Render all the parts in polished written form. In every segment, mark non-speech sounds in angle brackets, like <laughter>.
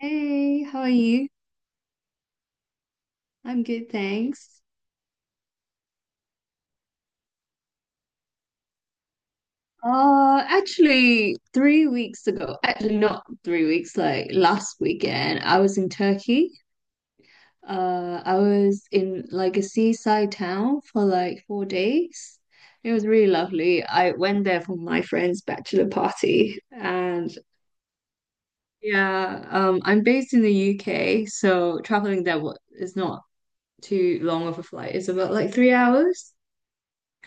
Hey, how are you? I'm good, thanks. Actually, 3 weeks ago, actually not 3 weeks, like last weekend, I was in Turkey. I was in like a seaside town for like 4 days. It was really lovely. I went there for my friend's bachelor party, and yeah, I'm based in the UK, so traveling there is not too long of a flight. It's about like 3 hours.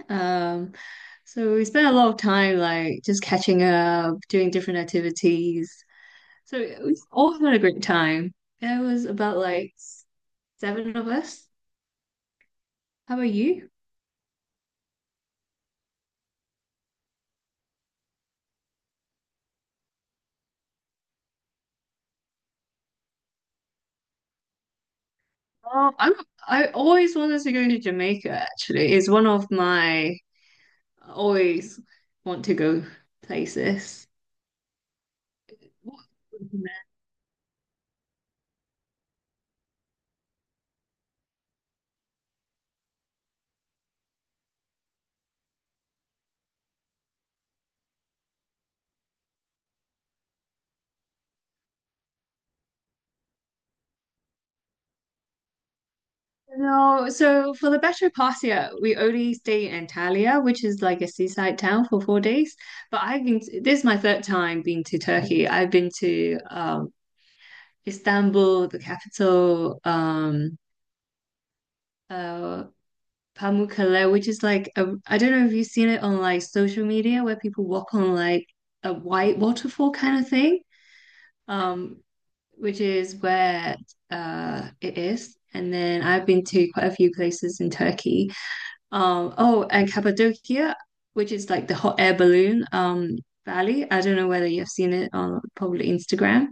Um, so we spent a lot of time like just catching up, doing different activities. So we all had a great time. There was about like seven of us. How about you? Oh, I always wanted to go to Jamaica actually. It's one of my always want to go places. No, so for the better part year, we only stay in Antalya, which is like a seaside town for 4 days. But I've been this is my third time being to Turkey. I've been to Istanbul, the capital, uh, Pamukkale, which is like a, I don't know if you've seen it on like social media where people walk on like a white waterfall kind of thing, um, which is where it is. And then I've been to quite a few places in Turkey. Oh, and Cappadocia, which is like the hot air balloon valley. I don't know whether you've seen it on probably Instagram.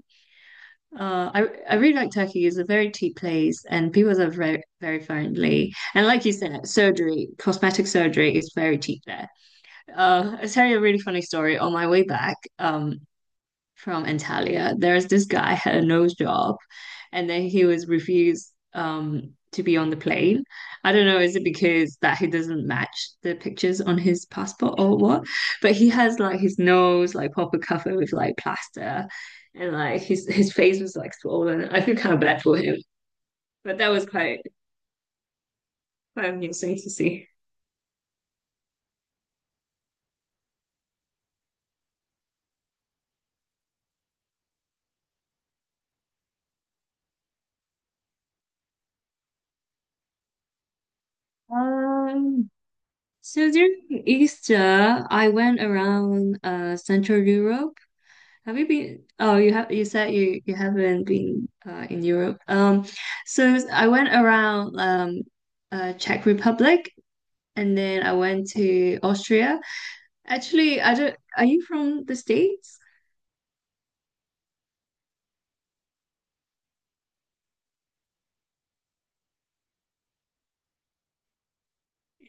I really like Turkey. It's a very cheap place, and people are very friendly. And like you said, surgery, cosmetic surgery is very cheap there. I'll tell you a really funny story. On my way back, from Antalya. There's this guy had a nose job, and then he was refused to be on the plane. I don't know, is it because that he doesn't match the pictures on his passport or what? But he has like his nose like proper covered with like plaster, and like his face was like swollen. I feel kind of bad for him, but that was quite amusing to see. Um. So during Easter, I went around Central Europe. Have you been? Oh, you have. You said you haven't been in Europe. So I went around Czech Republic, and then I went to Austria. Actually, I don't. Are you from the States?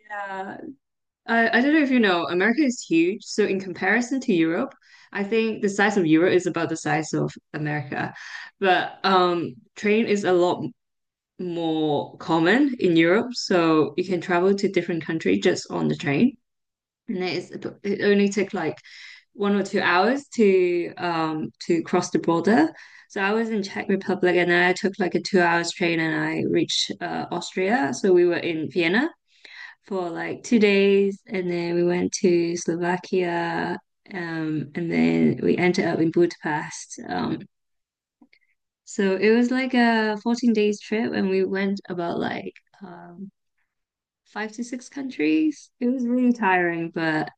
Yeah. I don't know if you know. America is huge, so in comparison to Europe, I think the size of Europe is about the size of America, but train is a lot more common in Europe, so you can travel to different countries just on the train. And it only took like 1 or 2 hours to cross the border. So I was in Czech Republic and then I took like a 2 hours train and I reached Austria. So we were in Vienna for like 2 days and then we went to Slovakia and then we ended up in Budapest. So it was like a 14 days trip and we went about like um 5 to 6 countries. It was really tiring, but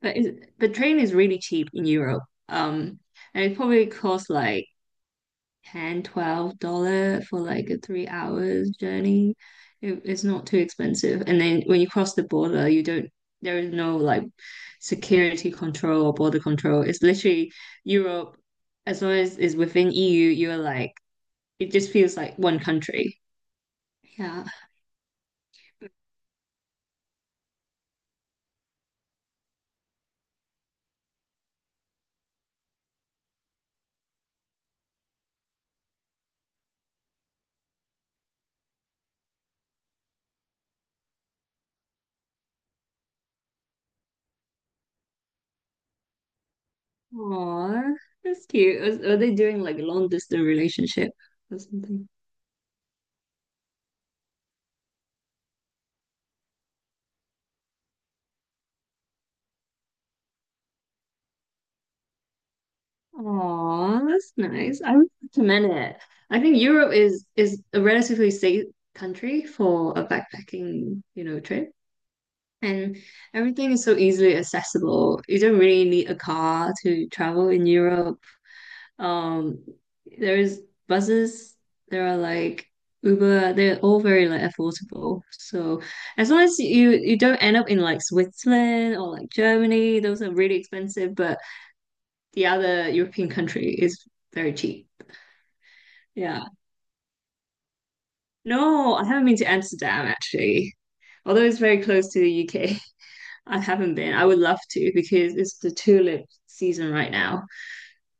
the train is really cheap in Europe. Um, and it probably costs like $10 for like a 3 hours journey. It's not too expensive. And then when you cross the border, you don't, there is no like security control or border control. It's literally Europe, as long as it's within EU, you're like, it just feels like one country. Yeah. Aww, that's cute. Are they doing like long distance relationship or something? Oh, that's nice. I would recommend it. I think Europe is a relatively safe country for a backpacking, you know, trip. And everything is so easily accessible. You don't really need a car to travel in Europe. Um, there's buses, there are like Uber, they're all very like affordable. So as long as you don't end up in like Switzerland or like Germany, those are really expensive, but the other European country is very cheap. Yeah. No, I haven't been to Amsterdam actually. Although it's very close to the UK, <laughs> I haven't been. I would love to because it's the tulip season right now.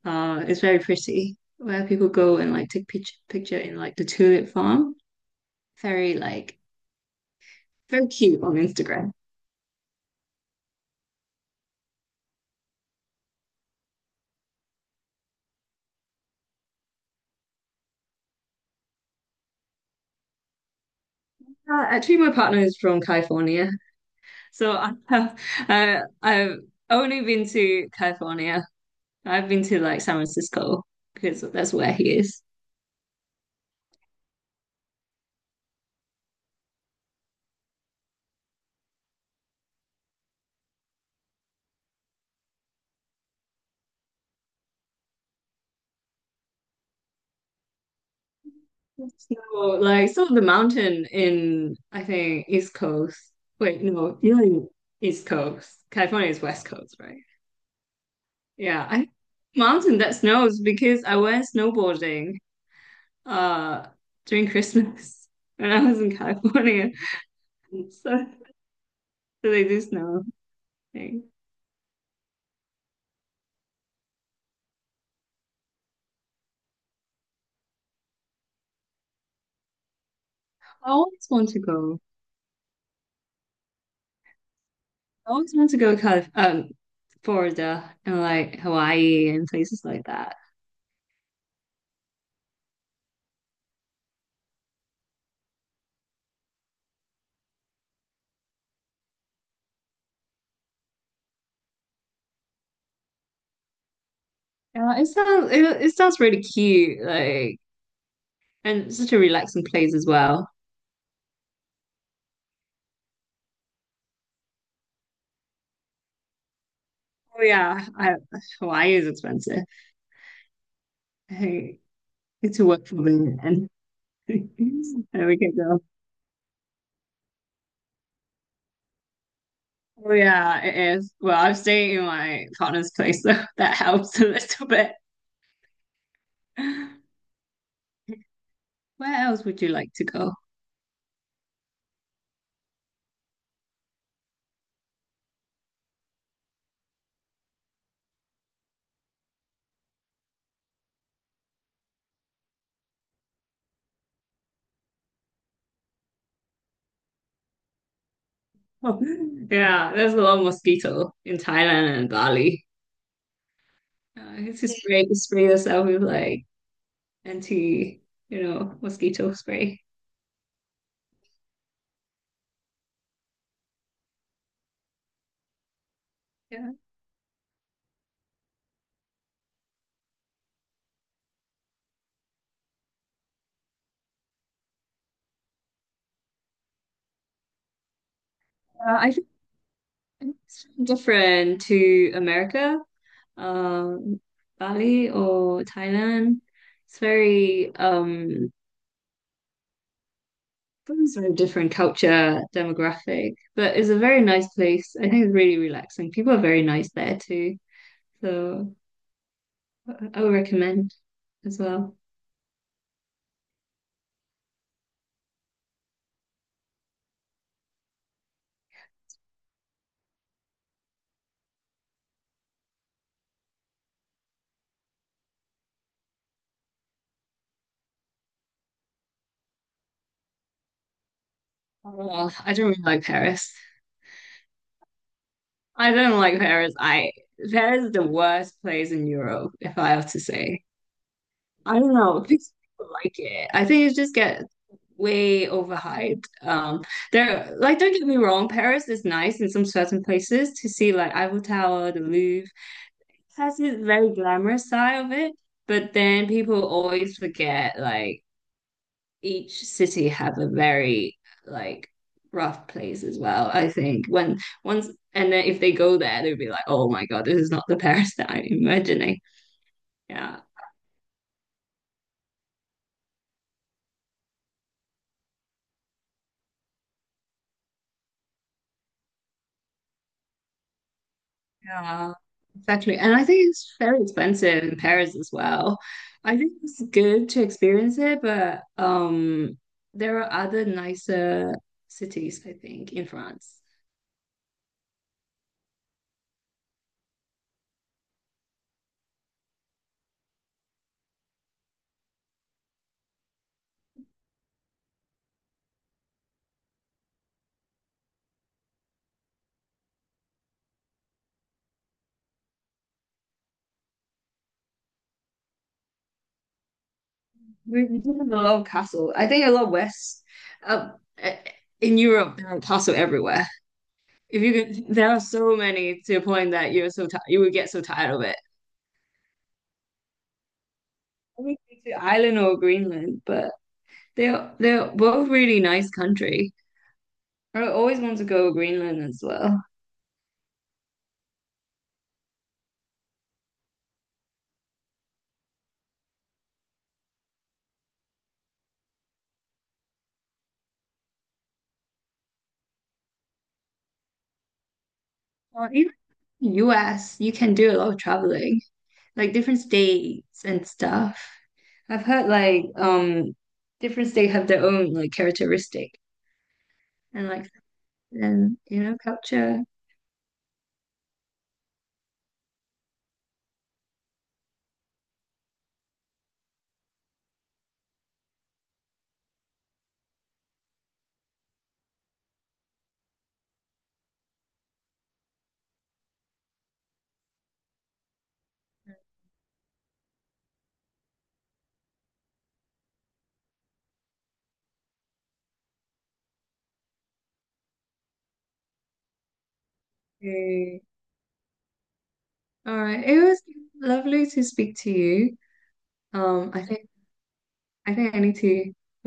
It's very pretty where people go and like take picture in like the tulip farm. Very like very cute on Instagram. Actually, my partner is from California, so <laughs> I've only been to California. I've been to like San Francisco because that's where he is. So, so the mountain in, I think, East Coast. Wait, no, you're in East Coast. California is West Coast, right? Yeah, I mountain that snows because I went snowboarding uh during Christmas <laughs> when I was in California. <laughs> So, so they do snow thing. I always want to go. I always want to go to Calif Florida and like Hawaii and places like that. Yeah, it sounds really cute. Like. And such a relaxing place as well. Oh yeah, I, Hawaii is expensive. I need to work for it, and <laughs> there we can go. Oh yeah, it is. Well, I'm staying in my partner's place, so <laughs> that helps a little bit. Where else would you like to go? <laughs> yeah, there's a lot of mosquito in Thailand and Bali. It's just spray yourself with like anti, you know, mosquito spray. Yeah, I think it's different to America. um, Bali or Thailand. It's very um, it's a very different culture, demographic, but it's a very nice place. I think it's really relaxing. People are very nice there too, so I would recommend as well. Oh, I don't really like Paris. I don't like Paris. I Paris is the worst place in Europe, if I have to say. I don't know. <laughs> These People like it. I think it just gets way overhyped. There, like, don't get me wrong, Paris is nice in some certain places to see, like Eiffel Tower, the Louvre. It has this very glamorous side of it, but then people always forget, like, each city have a very like rough place as well. I think when once and then if they go there, they'll be like, oh my God, this is not the Paris that I'm imagining. Yeah. Yeah, exactly. And I think it's very expensive in Paris as well. I think it's good to experience it, but there are other nicer cities, I think, in France. We do have a lot of castle. I think a lot west, uh, eh, in Europe, there are castle everywhere. If you could, there are so many to a point that you're so tired, you would get so tired of it. I to Ireland or Greenland, but they're both really nice country. I always want to go to Greenland as well. Or even US, you can do a lot of traveling, like different states and stuff. I've heard like different states have their own like characteristic and culture. Okay. All right. It was lovely to speak to you. Um, I think I think I need to.